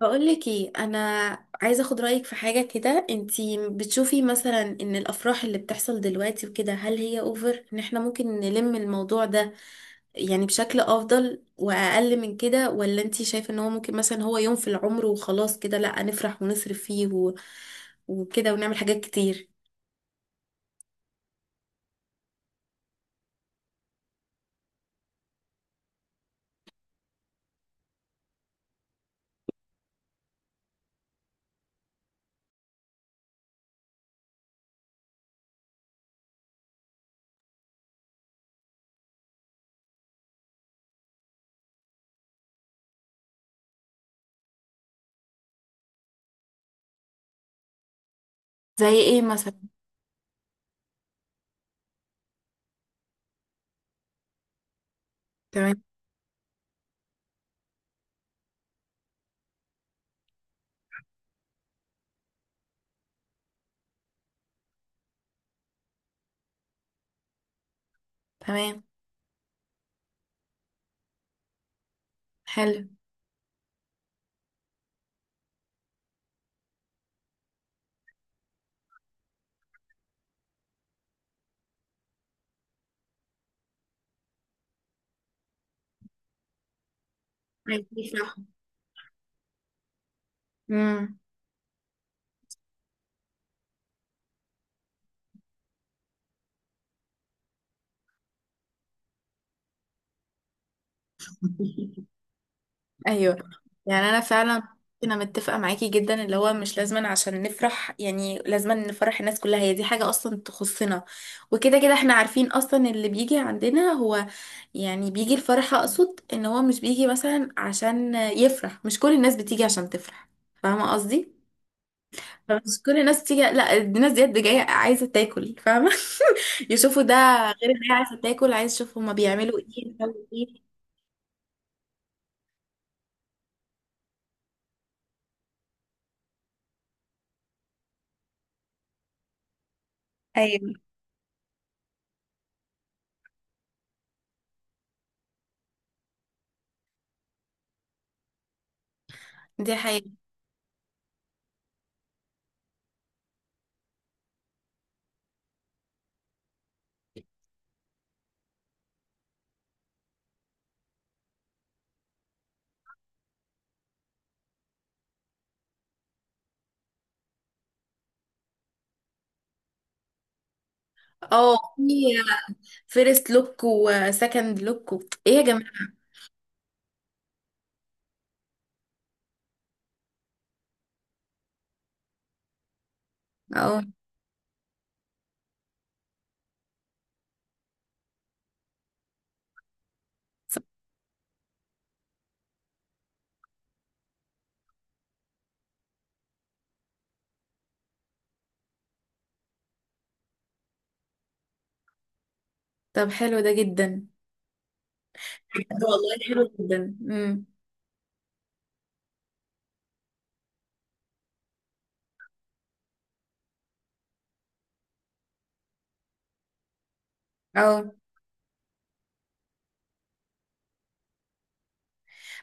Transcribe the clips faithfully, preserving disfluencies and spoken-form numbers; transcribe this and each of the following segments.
بقولك ايه؟ انا عايزه اخد رايك في حاجه كده. انتي بتشوفي مثلا ان الافراح اللي بتحصل دلوقتي وكده، هل هي اوفر ان احنا ممكن نلم الموضوع ده يعني بشكل افضل واقل من كده، ولا انتي شايفه ان هو ممكن مثلا هو يوم في العمر وخلاص كده لا نفرح ونصرف فيه و... وكده ونعمل حاجات كتير؟ زي ايه مثلا؟ تمام، تمام. حلو. عايزين يفرحوا. امم. ايوه. يعني انا فعلا انا متفقه معاكي جدا، اللي هو مش لازما عشان نفرح يعني لازما نفرح الناس كلها. هي دي حاجه اصلا تخصنا، وكده كده احنا عارفين اصلا اللي بيجي عندنا هو يعني بيجي الفرح، اقصد ان هو مش بيجي مثلا عشان يفرح، مش كل الناس بتيجي عشان تفرح. فاهمه قصدي؟ فمش كل الناس بتيجي، لا الناس ديت دي جايه عايزه تاكل، فاهمه؟ يشوفوا ده. غير ان هي عايزه تاكل، عايز يشوفوا هما بيعملوا ايه، بيسووا ايه. ايوه. دي حقيقة. اه، في فيرست لوك وسكند لوك و... ايه يا جماعة. اه. طب حلو ده جدا. بجد والله حلو جدا. امم. اه.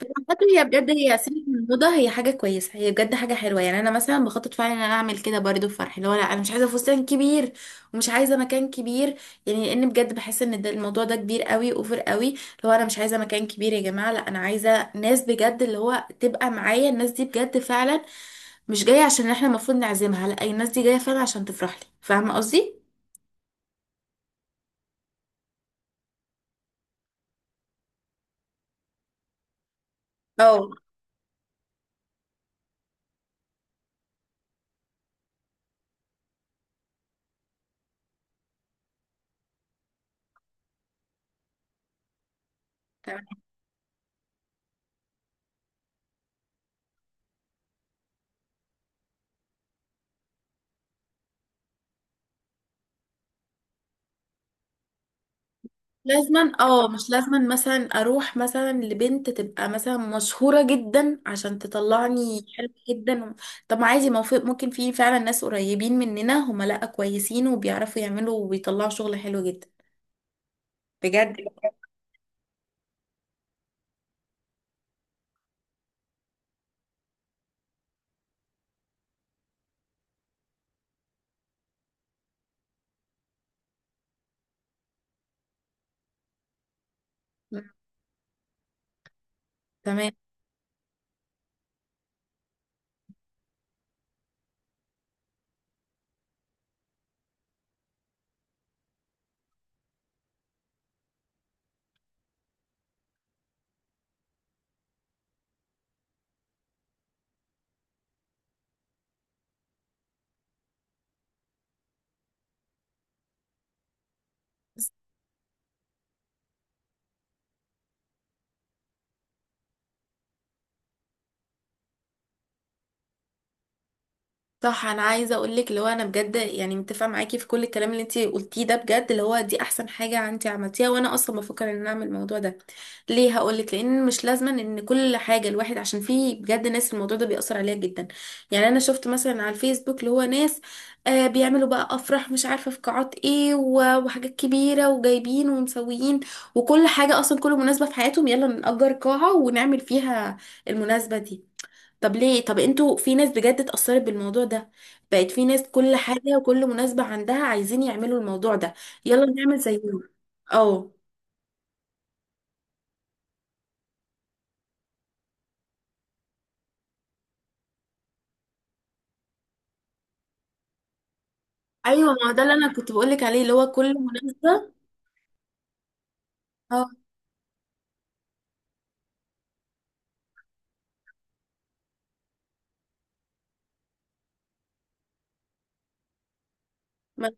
بس عامة هي بجد هي سنة من الموضة، هي حاجة كويسة، هي بجد حاجة حلوة. يعني انا مثلا بخطط فعلا ان انا اعمل كده برضه في فرحي، اللي هو لا انا مش عايزة فستان كبير ومش عايزة مكان كبير. يعني لان بجد بحس ان ده الموضوع ده كبير قوي، اوفر قوي. اللي هو انا مش عايزة مكان كبير يا جماعة، لا انا عايزة ناس بجد، اللي هو تبقى معايا الناس دي بجد فعلا، مش جاية عشان احنا المفروض نعزمها، لا الناس دي جاية فعلا عشان تفرح لي. فاهمة قصدي؟ اه. تمام. لازما، اه مش لازما مثلا اروح مثلا لبنت تبقى مثلا مشهورة جدا عشان تطلعني حلوة جدا. طب ما عادي، ما هو في- ممكن في فعلا ناس قريبين مننا هما لا كويسين، وبيعرفوا يعملوا وبيطلعوا شغل حلو جدا، بجد. تمام. صح. انا عايزه اقول لك اللي هو انا بجد يعني متفقه معاكي في كل الكلام اللي انت قلتيه ده بجد، اللي هو دي احسن حاجه انت عملتيها، وانا اصلا بفكر ان أنا اعمل الموضوع ده. ليه؟ هقول لك. لان مش لازما ان كل حاجه الواحد، عشان في بجد ناس الموضوع ده بيأثر عليها جدا. يعني انا شفت مثلا على الفيسبوك اللي هو ناس آه بيعملوا بقى افراح، مش عارفه في قاعات ايه و- وحاجات كبيره وجايبين ومسويين، وكل حاجه اصلا، كل مناسبه في حياتهم يلا نأجر قاعه ونعمل فيها المناسبه دي. طب ليه؟ طب انتوا في ناس بجد اتأثرت بالموضوع ده، بقت في ناس كل حاجة وكل مناسبة عندها عايزين يعملوا الموضوع ده. يلا نعمل زيهم. اه. ايوه، ما هو ده اللي انا كنت بقولك عليه، اللي هو كل مناسبة. اه. ما-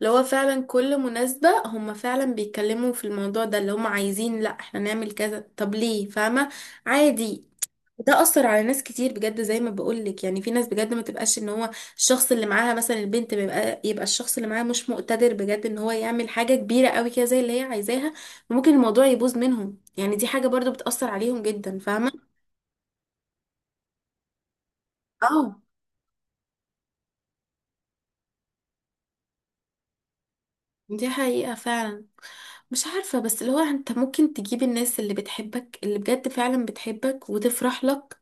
اللي هو فعلا كل مناسبة هم فعلا بيتكلموا في الموضوع ده، اللي هم عايزين لا احنا نعمل كذا. طب ليه؟ فاهمة؟ عادي. ده اثر على ناس كتير بجد، زي ما بقولك يعني في ناس بجد ما تبقاش ان هو الشخص اللي معاها مثلا البنت، بيبقى يبقى الشخص اللي معاها مش مقتدر بجد ان هو يعمل حاجة كبيرة قوي كده زي اللي هي عايزاها، وممكن الموضوع يبوظ منهم. يعني دي حاجة برضو بتأثر عليهم جدا، فاهمة؟ اه. دي حقيقة فعلا. مش عارفة، بس اللي هو انت ممكن تجيب الناس اللي بتحبك، اللي بجد فعلا بتحبك وتفرح لك،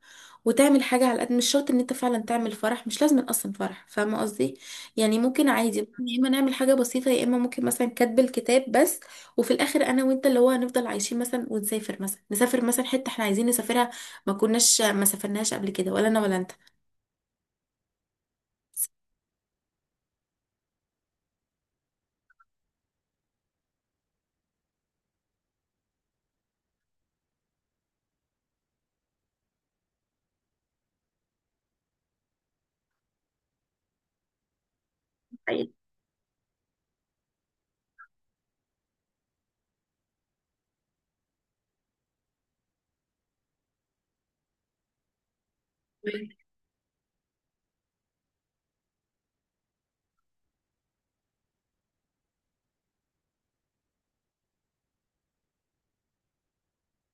وتعمل حاجة على قد، مش شرط ان انت فعلا تعمل فرح، مش لازم اصلا فرح، فاهمة قصدي؟ يعني ممكن عادي، ممكن يا اما نعمل حاجة بسيطة، يا اما ممكن مثلا كاتب الكتاب بس، وفي الاخر انا وانت اللي هو هنفضل عايشين مثلا، ونسافر مثلا، نسافر مثلا حتة احنا عايزين نسافرها، ما كناش، ما سافرناش قبل كده ولا انا ولا انت. صح. أيوة.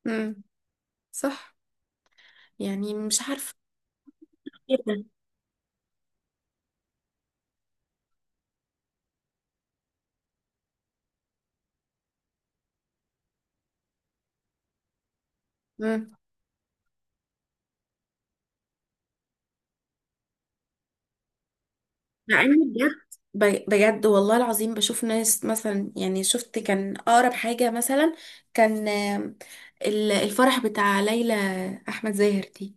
امم. صح. يعني مش عارفة. جدا. مع اني بجد ب- بجد والله العظيم بشوف ناس مثلا. يعني شفت كان اقرب حاجة مثلا كان آم، ال- الفرح بتاع ليلى احمد زاهر دي.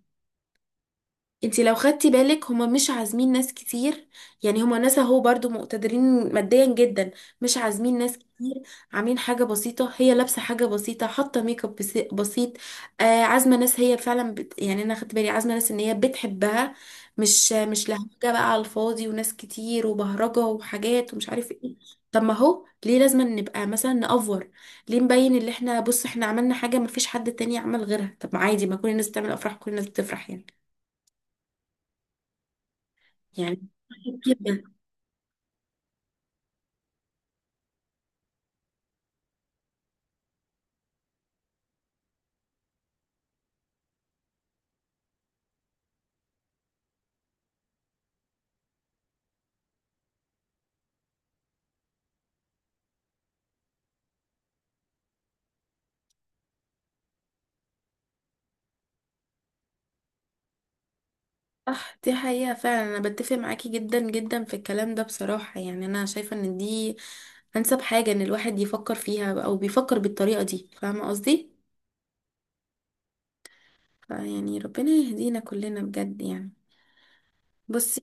انتي لو خدتي بالك هما مش عازمين ناس كتير، يعني هما ناس اهو برضو مقتدرين ماديا جدا، مش عازمين ناس كتير، عاملين حاجة بسيطة، هي لابسة حاجة بسيطة، حاطة ميك اب بس- بسيط. آه عازمة ناس هي فعلا بت... يعني انا خدت بالي عازمة ناس ان هي بتحبها، مش مش لهجة بقى على الفاضي، وناس كتير وبهرجة وحاجات ومش عارف ايه. طب ما هو ليه لازم نبقى مثلا نأفور؟ ليه نبين اللي احنا، بص احنا عملنا حاجة مفيش حد تاني عمل غيرها؟ طب ما عادي، ما كل الناس بتعمل افراح، كل الناس بتفرح يعني. يعني. جدا. صح. دي حقيقة فعلا. أنا بتفق معاكي جدا جدا في الكلام ده بصراحة، يعني أنا شايفة إن دي أنسب حاجة إن الواحد يفكر فيها أو بيفكر بالطريقة دي، فاهمة قصدي؟ يعني ربنا يهدينا كلنا بجد يعني. بصي.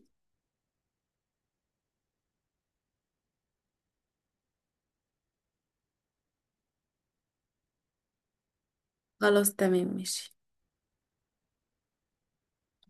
خلاص تمام ماشي.